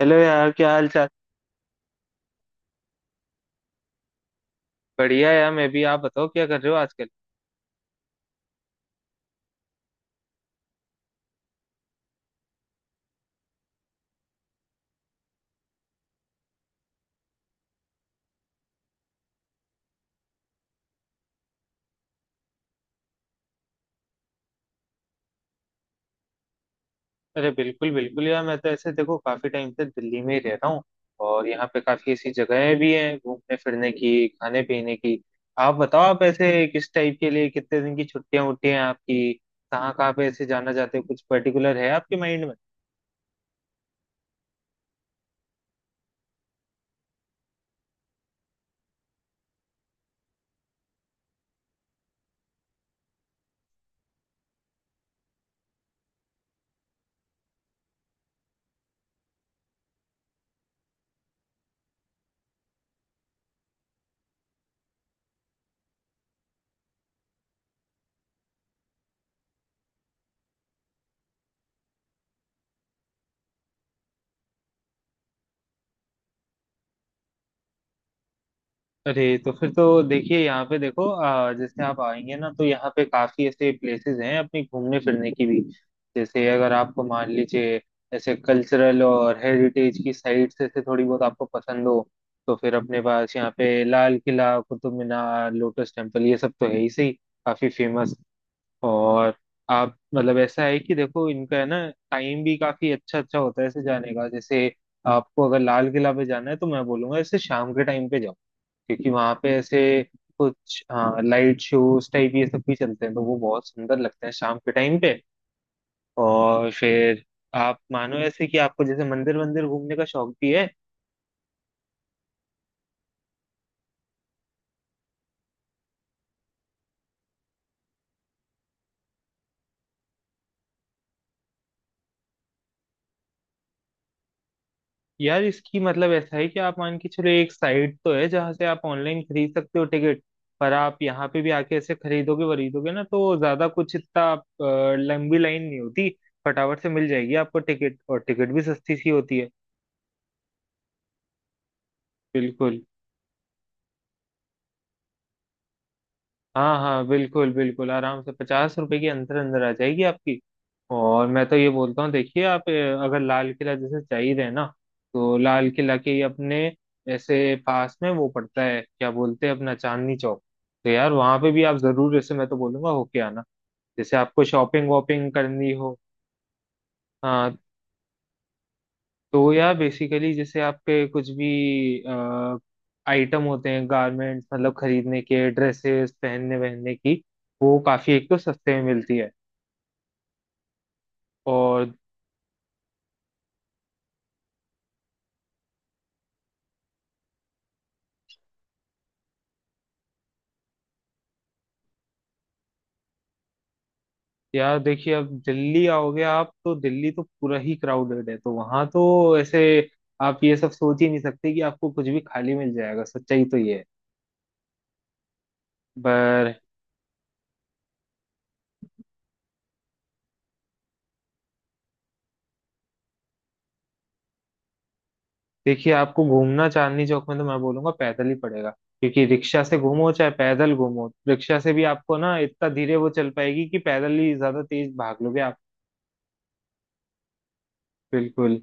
Hello यार, क्या हाल चाल। बढ़िया यार, मैं भी। आप बताओ, क्या कर रहे हो आजकल। अरे बिल्कुल बिल्कुल यार, मैं तो ऐसे देखो काफी टाइम से दिल्ली में ही रह रहा हूँ। और यहाँ पे काफी ऐसी जगहें भी हैं घूमने फिरने की, खाने पीने की। आप बताओ, आप ऐसे किस टाइप के लिए, कितने दिन की छुट्टियां उट्टियां हैं आपकी। कहाँ कहाँ पे ऐसे जाना चाहते हो, कुछ पर्टिकुलर है आपके माइंड में। अरे तो फिर तो देखिए, यहाँ पे देखो जैसे आप आएंगे ना तो यहाँ पे काफी ऐसे प्लेसेस हैं अपनी घूमने फिरने की भी। जैसे अगर आपको मान लीजिए ऐसे कल्चरल और हेरिटेज की साइट्स ऐसे थोड़ी बहुत आपको पसंद हो, तो फिर अपने पास यहाँ पे लाल किला, कुतुब मीनार, लोटस टेम्पल, ये सब तो है ही सही। काफी फेमस। और आप, मतलब ऐसा है कि देखो इनका है ना, टाइम भी काफी अच्छा अच्छा होता है ऐसे जाने का। जैसे आपको अगर लाल किला पे जाना है तो मैं बोलूंगा ऐसे शाम के टाइम पे जाओ, क्योंकि वहां पे ऐसे कुछ, हाँ, लाइट शोज टाइप ये सब भी चलते हैं, तो वो बहुत सुंदर लगते हैं शाम के टाइम पे। और फिर आप मानो ऐसे कि आपको जैसे मंदिर वंदिर घूमने का शौक भी है। यार इसकी मतलब ऐसा है कि आप मान के चलो, एक साइट तो है जहाँ से आप ऑनलाइन खरीद सकते हो टिकट। पर आप यहाँ पे भी आके ऐसे खरीदोगे वरीदोगे ना, तो ज्यादा कुछ इतना लंबी लाइन नहीं होती। फटाफट से मिल जाएगी आपको टिकट, और टिकट भी सस्ती सी होती है। बिल्कुल। हाँ हाँ, बिल्कुल बिल्कुल आराम से 50 रुपए के अंदर अंदर आ जाएगी आपकी। और मैं तो ये बोलता हूँ देखिए आप, अगर लाल किला जैसे चाहिए रहे ना, तो लाल किला के अपने ऐसे पास में वो पड़ता है, क्या बोलते हैं, अपना चांदनी चौक। तो यार वहां पे भी आप जरूर, जैसे मैं तो बोलूंगा, होके आना। जैसे आपको शॉपिंग वॉपिंग करनी हो। हाँ। तो यार बेसिकली जैसे आपके कुछ भी आइटम होते हैं, गारमेंट्स, मतलब खरीदने के, ड्रेसेस पहनने वहनने की, वो काफी एक तो सस्ते में मिलती है। और यार देखिए अब दिल्ली आओगे आप तो दिल्ली तो पूरा ही क्राउडेड है, तो वहां तो ऐसे आप ये सब सोच ही नहीं सकते कि आपको कुछ भी खाली मिल जाएगा, सच्चाई तो ये है। पर देखिए आपको घूमना चांदनी चौक में तो मैं बोलूंगा पैदल ही पड़ेगा, क्योंकि रिक्शा से घूमो चाहे पैदल घूमो, रिक्शा से भी आपको ना इतना धीरे वो चल पाएगी कि पैदल ही ज्यादा तेज भाग लोगे आप। बिल्कुल।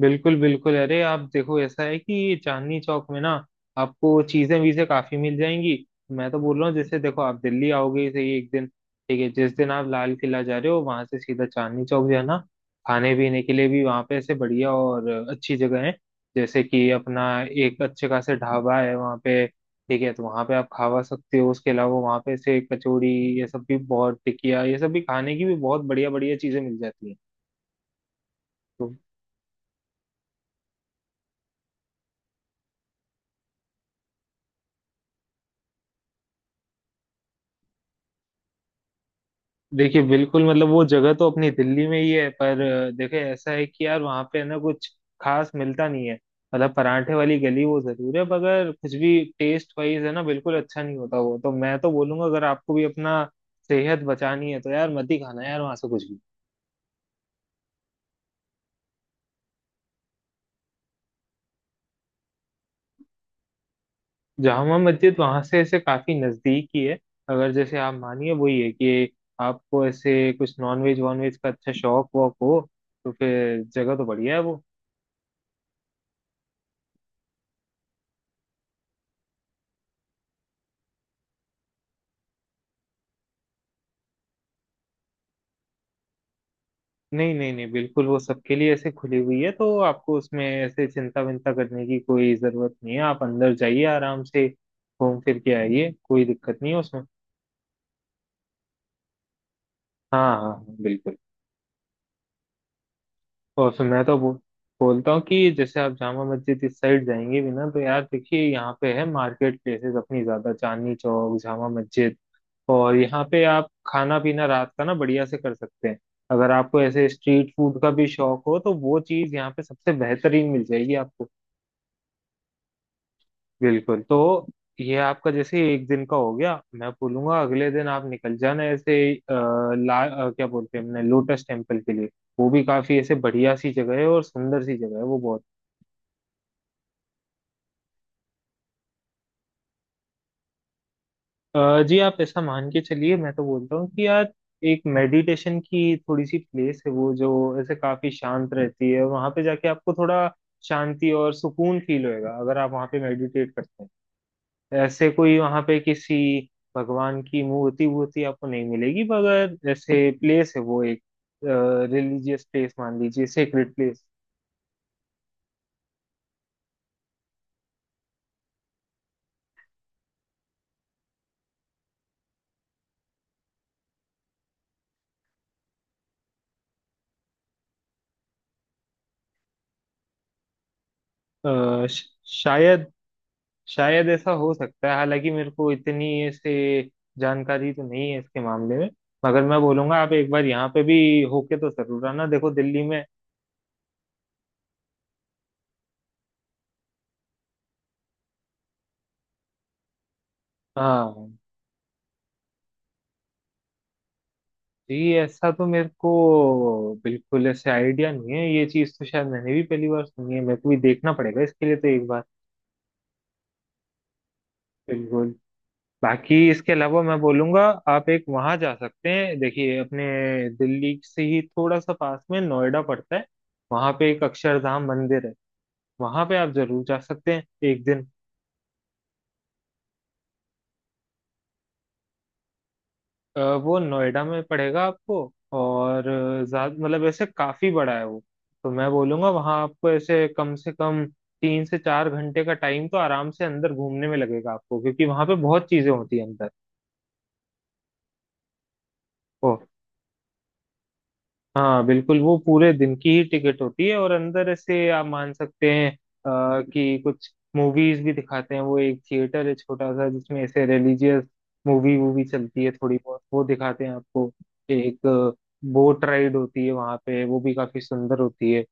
बिल्कुल अरे, आप देखो ऐसा है कि चांदनी चौक में ना आपको चीजें वीजें काफी मिल जाएंगी। मैं तो बोल रहा हूँ जैसे देखो आप दिल्ली आओगे ही सही, एक दिन ठीक है, जिस दिन आप लाल किला जा रहे हो वहां से सीधा चांदनी चौक जाना। खाने पीने के लिए भी वहां पे ऐसे बढ़िया और अच्छी जगह है। जैसे कि अपना एक अच्छे खासे ढाबा है वहां पे, ठीक है, तो वहां पे आप खावा सकते हो। उसके अलावा वहां पे ऐसे कचौड़ी ये सब भी, बहुत टिकिया ये सब भी, खाने की भी बहुत बढ़िया बढ़िया चीजें मिल जाती हैं। तो देखिए बिल्कुल, मतलब वो जगह तो अपनी दिल्ली में ही है, पर देखे ऐसा है कि यार वहाँ पे है ना कुछ खास मिलता नहीं है। मतलब परांठे वाली गली वो जरूर है, मगर कुछ भी टेस्ट वाइज है ना बिल्कुल अच्छा नहीं होता। वो तो मैं तो बोलूंगा, अगर आपको भी अपना सेहत बचानी है तो यार मत ही खाना यार वहाँ से कुछ भी। जामा मस्जिद वहाँ से ऐसे काफी नजदीक ही है। अगर जैसे आप मानिए, वही है कि आपको ऐसे कुछ नॉन वेज वॉन वेज का अच्छा शौक वॉक हो, तो फिर जगह तो बढ़िया है वो। नहीं, नहीं, नहीं, बिल्कुल वो सबके लिए ऐसे खुली हुई है, तो आपको उसमें ऐसे चिंता विंता करने की कोई जरूरत नहीं है। आप अंदर जाइए, आराम से घूम फिर के आइए, कोई दिक्कत नहीं है उसमें। हाँ हाँ हाँ, बिल्कुल। और फिर मैं तो बोलता हूँ कि जैसे आप जामा मस्जिद इस साइड जाएंगे भी ना, तो यार देखिए यहाँ पे है मार्केट प्लेसेस अपनी ज्यादा, चांदनी चौक, जामा मस्जिद। और यहाँ पे आप खाना पीना रात का ना बढ़िया से कर सकते हैं। अगर आपको ऐसे स्ट्रीट फूड का भी शौक हो तो वो चीज़ यहाँ पे सबसे बेहतरीन मिल जाएगी आपको। बिल्कुल। तो ये आपका जैसे एक दिन का हो गया। मैं बोलूंगा अगले दिन आप निकल जाना ऐसे क्या बोलते हैं हमने, लोटस टेम्पल के लिए। वो भी काफी ऐसे बढ़िया सी जगह है और सुंदर सी जगह है वो बहुत। जी आप ऐसा मान के चलिए, मैं तो बोलता हूँ कि यार एक मेडिटेशन की थोड़ी सी प्लेस है वो, जो ऐसे काफी शांत रहती है। वहां पे जाके आपको थोड़ा शांति और सुकून फील होएगा, अगर आप वहां पे मेडिटेट करते हैं। ऐसे कोई वहां पे किसी भगवान की मूर्ति वूर्ति आपको नहीं मिलेगी, मगर जैसे प्लेस है वो एक रिलीजियस प्लेस मान लीजिए, सेक्रेट प्लेस। शायद शायद ऐसा हो सकता है, हालांकि मेरे को इतनी ऐसे जानकारी तो नहीं है इसके मामले में। मगर मैं बोलूंगा आप एक बार यहाँ पे भी होके तो जरूर आना, देखो दिल्ली में। हाँ जी, ऐसा तो मेरे को बिल्कुल ऐसे आइडिया नहीं है, ये चीज तो शायद मैंने भी पहली बार सुनी है, मेरे को भी देखना पड़ेगा इसके लिए तो एक बार। बिल्कुल। बाकी इसके अलावा मैं बोलूंगा आप एक वहां जा सकते हैं। देखिए अपने दिल्ली से ही थोड़ा सा पास में नोएडा पड़ता है, वहां पे एक अक्षरधाम मंदिर है, वहां पे आप जरूर जा सकते हैं एक दिन। वो नोएडा में पड़ेगा आपको। और ज्यादा मतलब ऐसे काफी बड़ा है वो, तो मैं बोलूंगा वहां आपको ऐसे कम से कम 3 से 4 घंटे का टाइम तो आराम से अंदर घूमने में लगेगा आपको, क्योंकि वहां पे बहुत चीजें होती है अंदर। हाँ बिल्कुल, वो पूरे दिन की ही टिकट होती है। और अंदर ऐसे आप मान सकते हैं कि कुछ मूवीज भी दिखाते हैं, वो एक थिएटर है छोटा सा जिसमें ऐसे रिलीजियस मूवी वूवी चलती है, थोड़ी बहुत वो दिखाते हैं आपको। एक बोट राइड होती है वहाँ पे, वो भी काफी सुंदर होती है।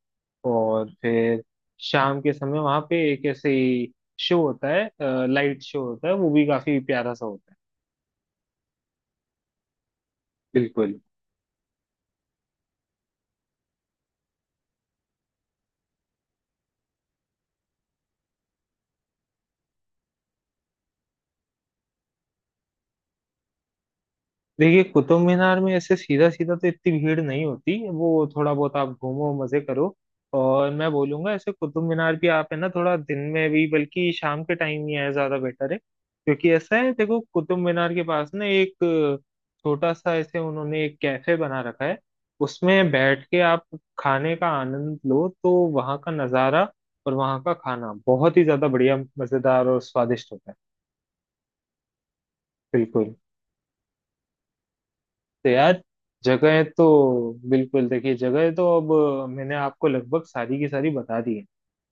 और फिर शाम के समय वहाँ पे एक ऐसे शो होता है, लाइट शो होता है, वो भी काफी प्यारा सा होता है। बिल्कुल। देखिए कुतुब मीनार में ऐसे सीधा सीधा तो इतनी भीड़ नहीं होती, वो थोड़ा बहुत आप घूमो मजे करो। और मैं बोलूंगा ऐसे कुतुब मीनार भी आप है ना थोड़ा दिन में भी, बल्कि शाम के टाइम ही है ज्यादा बेटर है, क्योंकि ऐसा है देखो कुतुब मीनार के पास ना एक छोटा सा ऐसे उन्होंने एक कैफे बना रखा है। उसमें बैठ के आप खाने का आनंद लो, तो वहाँ का नज़ारा और वहाँ का खाना बहुत ही ज्यादा बढ़िया, मजेदार और स्वादिष्ट होता है। बिल्कुल। तो यार जगह तो, बिल्कुल देखिए जगह तो अब मैंने आपको लगभग सारी की सारी बता दी है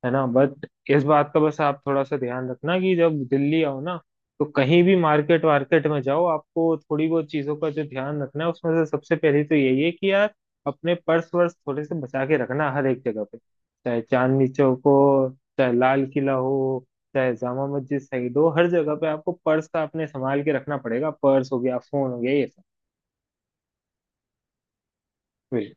है ना। बट इस बात का बस आप थोड़ा सा ध्यान रखना कि जब दिल्ली आओ ना, तो कहीं भी मार्केट वार्केट में जाओ, आपको थोड़ी बहुत चीजों का जो ध्यान रखना है उसमें से सबसे पहले तो यही है कि यार अपने पर्स वर्स थोड़े से बचा के रखना हर एक जगह पे। चाहे चांदनी चौक हो, चाहे लाल किला हो, चाहे जामा मस्जिद साइड हो, हर जगह पे आपको पर्स का अपने संभाल के रखना पड़ेगा। पर्स हो गया, फोन हो गया, ये सब।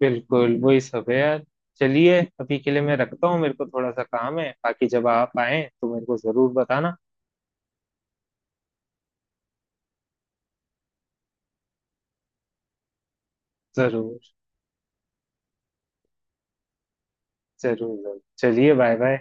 बिल्कुल वही सब है यार। चलिए अभी के लिए मैं रखता हूँ, मेरे को थोड़ा सा काम है, बाकी जब आप आए तो मेरे को जरूर बताना। जरूर जरूर जरूर चलिए, बाय बाय।